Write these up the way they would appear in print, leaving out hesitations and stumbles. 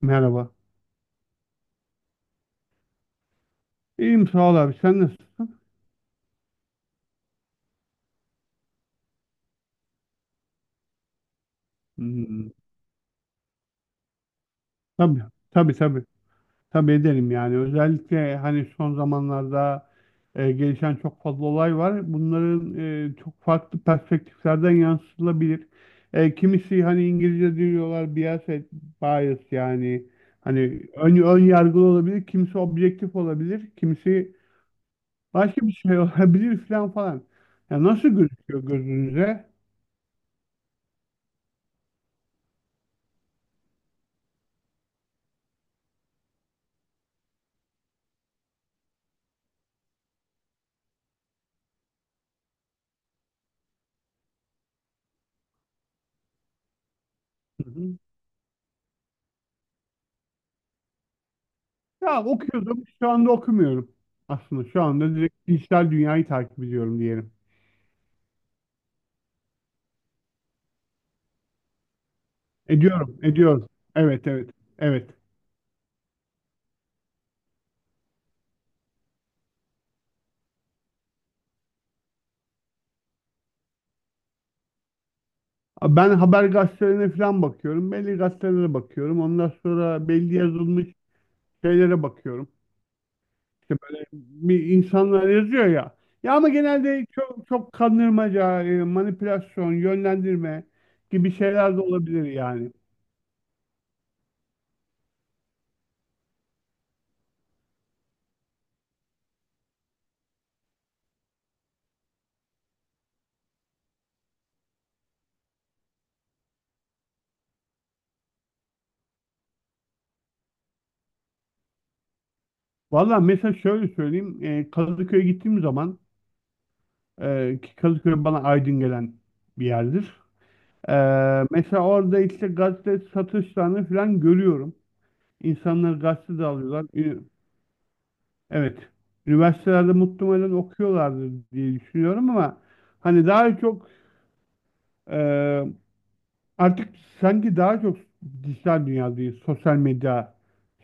Merhaba. İyiyim, sağ ol abi. Sen nasılsın? Hmm, tabii. Tabii tabii. Tabii ederim yani. Özellikle hani son zamanlarda gelişen çok fazla olay var. Bunların, çok farklı perspektiflerden yansıtılabilir. Kimisi hani İngilizce diyorlar bias, bias yani hani ön yargılı olabilir. Kimisi objektif olabilir. Kimisi başka bir şey olabilir falan falan. Ya nasıl gözüküyor gözünüze? Ya okuyordum. Şu anda okumuyorum. Aslında şu anda direkt dijital dünyayı takip ediyorum diyelim. Ediyorum, ediyorum. Evet, evet, evet. Ben haber gazetelerine falan bakıyorum. Belli gazetelere bakıyorum. Ondan sonra belli yazılmış şeylere bakıyorum. İşte böyle bir insanlar yazıyor ya. Ya ama genelde çok çok kandırmaca, manipülasyon, yönlendirme gibi şeyler de olabilir yani. Valla mesela şöyle söyleyeyim. Kadıköy'e gittiğim zaman, ki Kadıköy bana aydın gelen bir yerdir. Mesela orada işte gazete satışlarını falan görüyorum. İnsanlar gazete de alıyorlar. Evet. Üniversitelerde muhtemelen okuyorlardır diye düşünüyorum ama hani daha çok, e, artık sanki daha çok dijital dünyadayız. Sosyal medya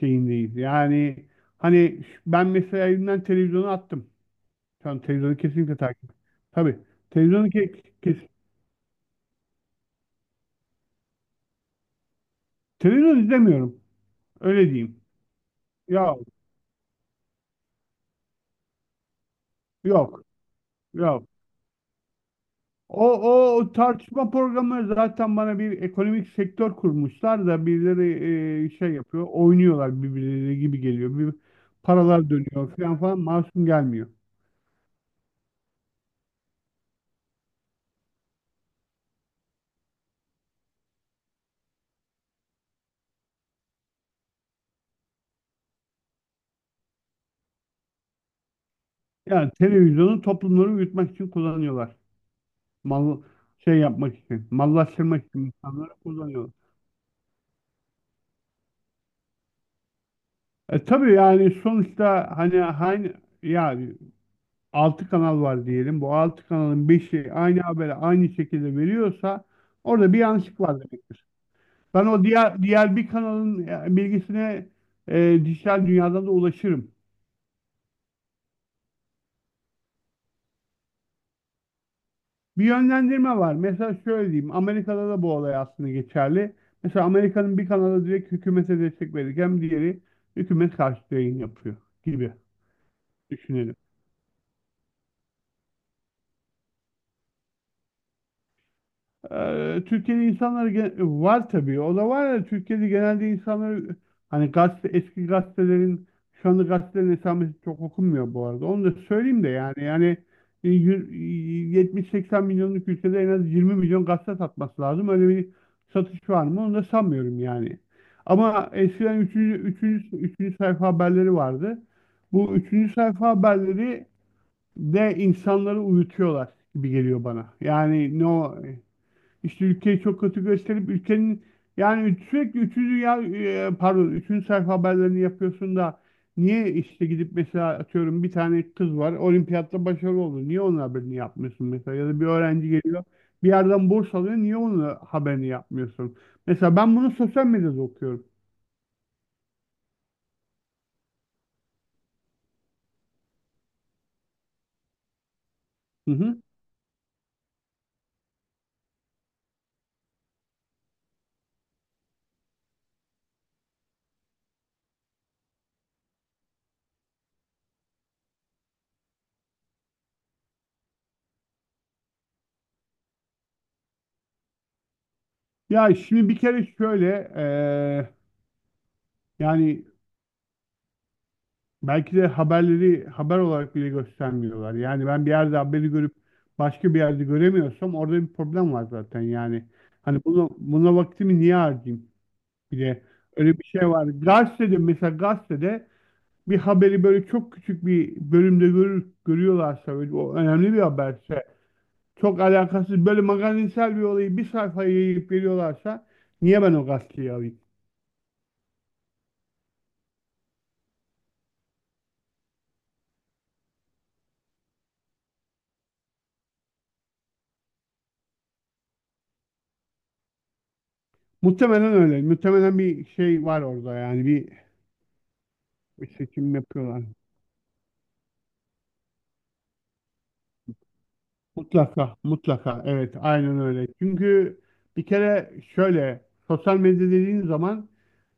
şeyindeyiz. Yani hani ben mesela evimden televizyonu attım. Şu an televizyonu kesinlikle takip. Tabii. Televizyonu ke kes- televizyon izlemiyorum. Öyle diyeyim. Yok, yok, yok. O tartışma programı zaten bana bir ekonomik sektör kurmuşlar da birileri şey yapıyor, oynuyorlar birbirleri gibi geliyor. Bir paralar dönüyor falan falan, masum gelmiyor. Yani televizyonu toplumları uyutmak için kullanıyorlar. Mal şey yapmak için, mallaştırmak için insanları kullanıyorlar. Tabii yani sonuçta hani hani yani altı kanal var diyelim. Bu altı kanalın beşi aynı haberi aynı şekilde veriyorsa orada bir yanlışlık var demektir. Ben o diğer bir kanalın, bilgisine, dijital dünyadan da ulaşırım. Bir yönlendirme var. Mesela şöyle diyeyim. Amerika'da da bu olay aslında geçerli. Mesela Amerika'nın bir kanalı direkt hükümete destek verirken diğeri hükümet karşıtı yayın yapıyor gibi düşünelim. Türkiye'de insanlar var tabii. O da var ya, Türkiye'de genelde insanlar hani gazete, eski gazetelerin, şu anda gazetelerin esamesi çok okunmuyor bu arada. Onu da söyleyeyim de yani e, yü- 70-80 milyonluk ülkede en az 20 milyon gazete satması lazım. Öyle bir satış var mı? Onu da sanmıyorum yani. Ama eskiden 3. 3. sayfa haberleri vardı. Bu 3. sayfa haberleri de insanları uyutuyorlar gibi geliyor bana. Yani no, işte ülkeyi çok kötü gösterip ülkenin, yani sürekli üçüncü ya, pardon, üçüncü sayfa haberlerini yapıyorsun da niye işte gidip mesela atıyorum bir tane kız var olimpiyatta başarılı oldu. Niye onun haberini yapmıyorsun mesela, ya da bir öğrenci geliyor bir yerden burs alıyor, niye onun haberini yapmıyorsun? Mesela ben bunu sosyal medyada okuyorum. Hı hı. Ya şimdi bir kere şöyle, e, yani belki de haberleri haber olarak bile göstermiyorlar. Yani ben bir yerde haberi görüp başka bir yerde göremiyorsam orada bir problem var zaten. Yani hani bunu buna vaktimi niye harcayayım? Bir de öyle bir şey var. Gazetede, mesela gazetede bir haberi böyle çok küçük bir bölümde görüyorlarsa, böyle o önemli bir haberse, çok alakasız böyle magazinsel bir olayı bir sayfaya yayıp veriyorlarsa niye ben o gazeteyi alayım? Muhtemelen öyle. Muhtemelen bir şey var orada, yani bir seçim yapıyorlar. Mutlaka, mutlaka. Evet, aynen öyle. Çünkü bir kere şöyle, sosyal medya dediğin zaman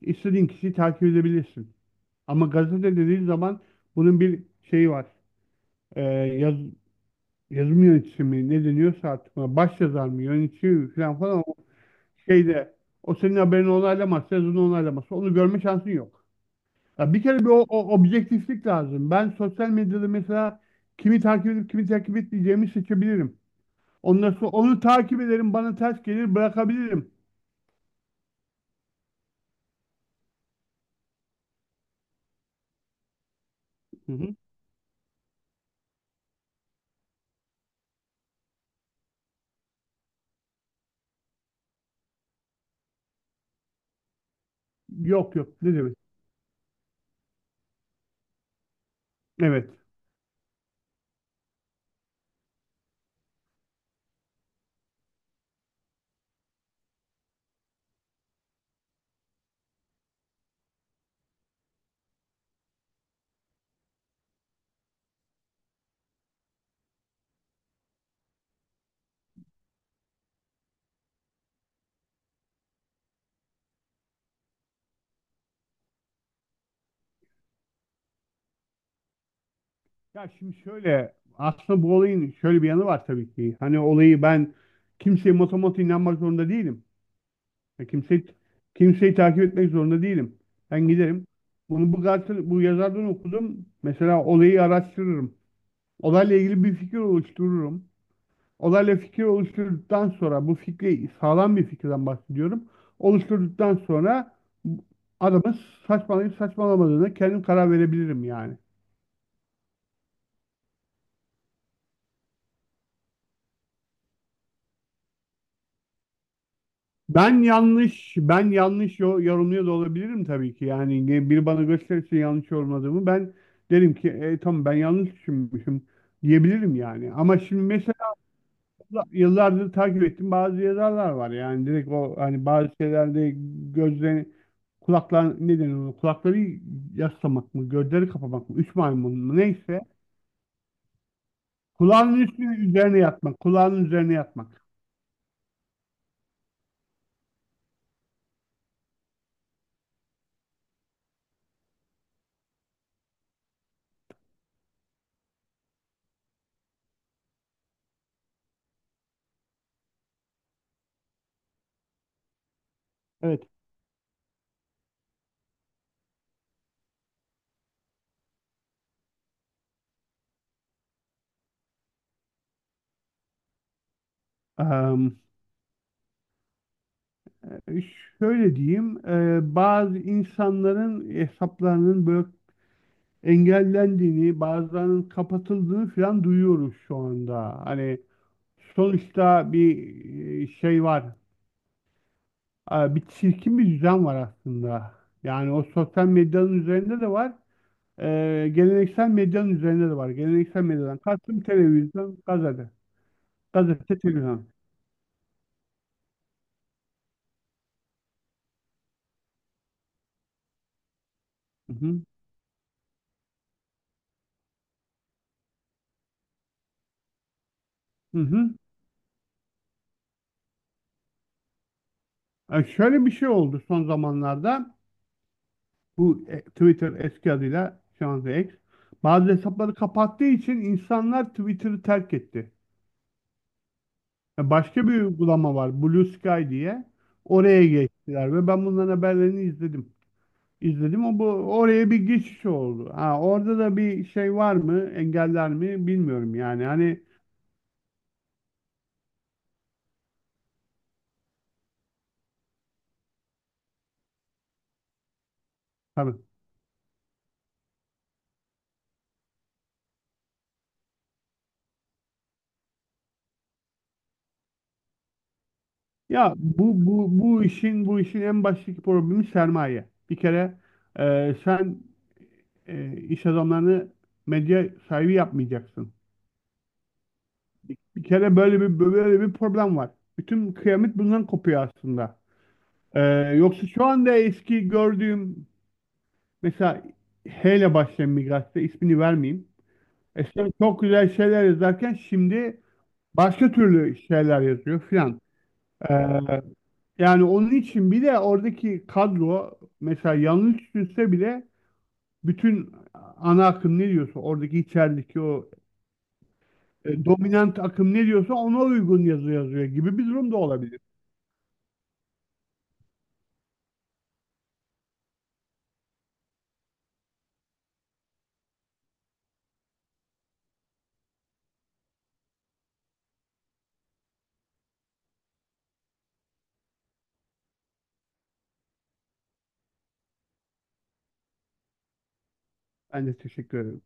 istediğin kişiyi takip edebilirsin. Ama gazete dediğin zaman bunun bir şeyi var. Ee, yaz, yazım yöneticisi mi ne deniyorsa artık ona, baş yazar mı, yönetici mi falan falan, o şeyde o senin haberini onaylamazsa, yazını onaylamazsa onu görme şansın yok. Ya bir kere bir o objektiflik lazım. Ben sosyal medyada mesela kimi takip edip kimi takip etmeyeceğimi seçebilirim. Ondan sonra onu takip ederim. Bana ters gelir bırakabilirim. Hı hı. Yok yok. Ne demek? Evet. Ya şimdi şöyle, aslında bu olayın şöyle bir yanı var tabii ki. Hani olayı ben kimseye motomot inanmak zorunda değilim. Ya kimseyi takip etmek zorunda değilim. Ben giderim. Bunu bu gazete, bu yazardan okudum. Mesela olayı araştırırım. Olayla ilgili bir fikir oluştururum. Olayla fikir oluşturduktan sonra bu fikri, sağlam bir fikirden bahsediyorum. Oluşturduktan sonra adamın saçmalayıp saçmalamadığına kendim karar verebilirim yani. Ben yanlış yorumluyor da olabilirim tabii ki. Yani biri bana gösterirse yanlış yorumladığımı, ben derim ki tamam ben yanlış düşünmüşüm, diyebilirim yani. Ama şimdi mesela yıllardır takip ettiğim bazı yazarlar var. Yani direkt o hani bazı şeylerde gözlerini, kulaklar ne denir ona? Kulakları yaslamak mı? Gözleri kapamak mı? Üç maymun mu? Neyse. Kulağının üzerine yatmak. Kulağının üzerine yatmak. Evet. Am, şöyle diyeyim. Bazı insanların hesaplarının böyle engellendiğini, bazılarının kapatıldığını falan duyuyoruz şu anda. Hani sonuçta bir, şey var. Bir çirkin bir düzen var aslında. Yani o sosyal medyanın üzerinde de var. Geleneksel medyanın üzerinde de var. Geleneksel medyadan kastım televizyon, gazete. Gazete, televizyon. Hı hı. Hı hı. Şöyle bir şey oldu son zamanlarda. Bu, Twitter eski adıyla şu anda X. Bazı hesapları kapattığı için insanlar Twitter'ı terk etti. Başka bir uygulama var, Blue Sky diye. Oraya geçtiler ve ben bunların haberlerini izledim. İzledim. O bu oraya bir geçiş oldu. Ha, orada da bir şey var mı? Engeller mi? Bilmiyorum yani. Hani tabii. Ya bu işin en baştaki problemi sermaye. Bir kere sen, iş adamlarını medya sahibi yapmayacaksın. Bir kere böyle bir problem var. Bütün kıyamet bundan kopuyor aslında. E, yoksa şu anda eski gördüğüm mesela H ile başlayan Migras'ta, ismini vermeyeyim. İşte çok güzel şeyler yazarken şimdi başka türlü şeyler yazıyor filan. Ee, yani onun için bir de oradaki kadro, mesela yanlış düşünse bile, bütün ana akım ne diyorsa, oradaki içerideki o, dominant akım ne diyorsa ona uygun yazı yazıyor gibi bir durum da olabilir. Ben de teşekkür ederim.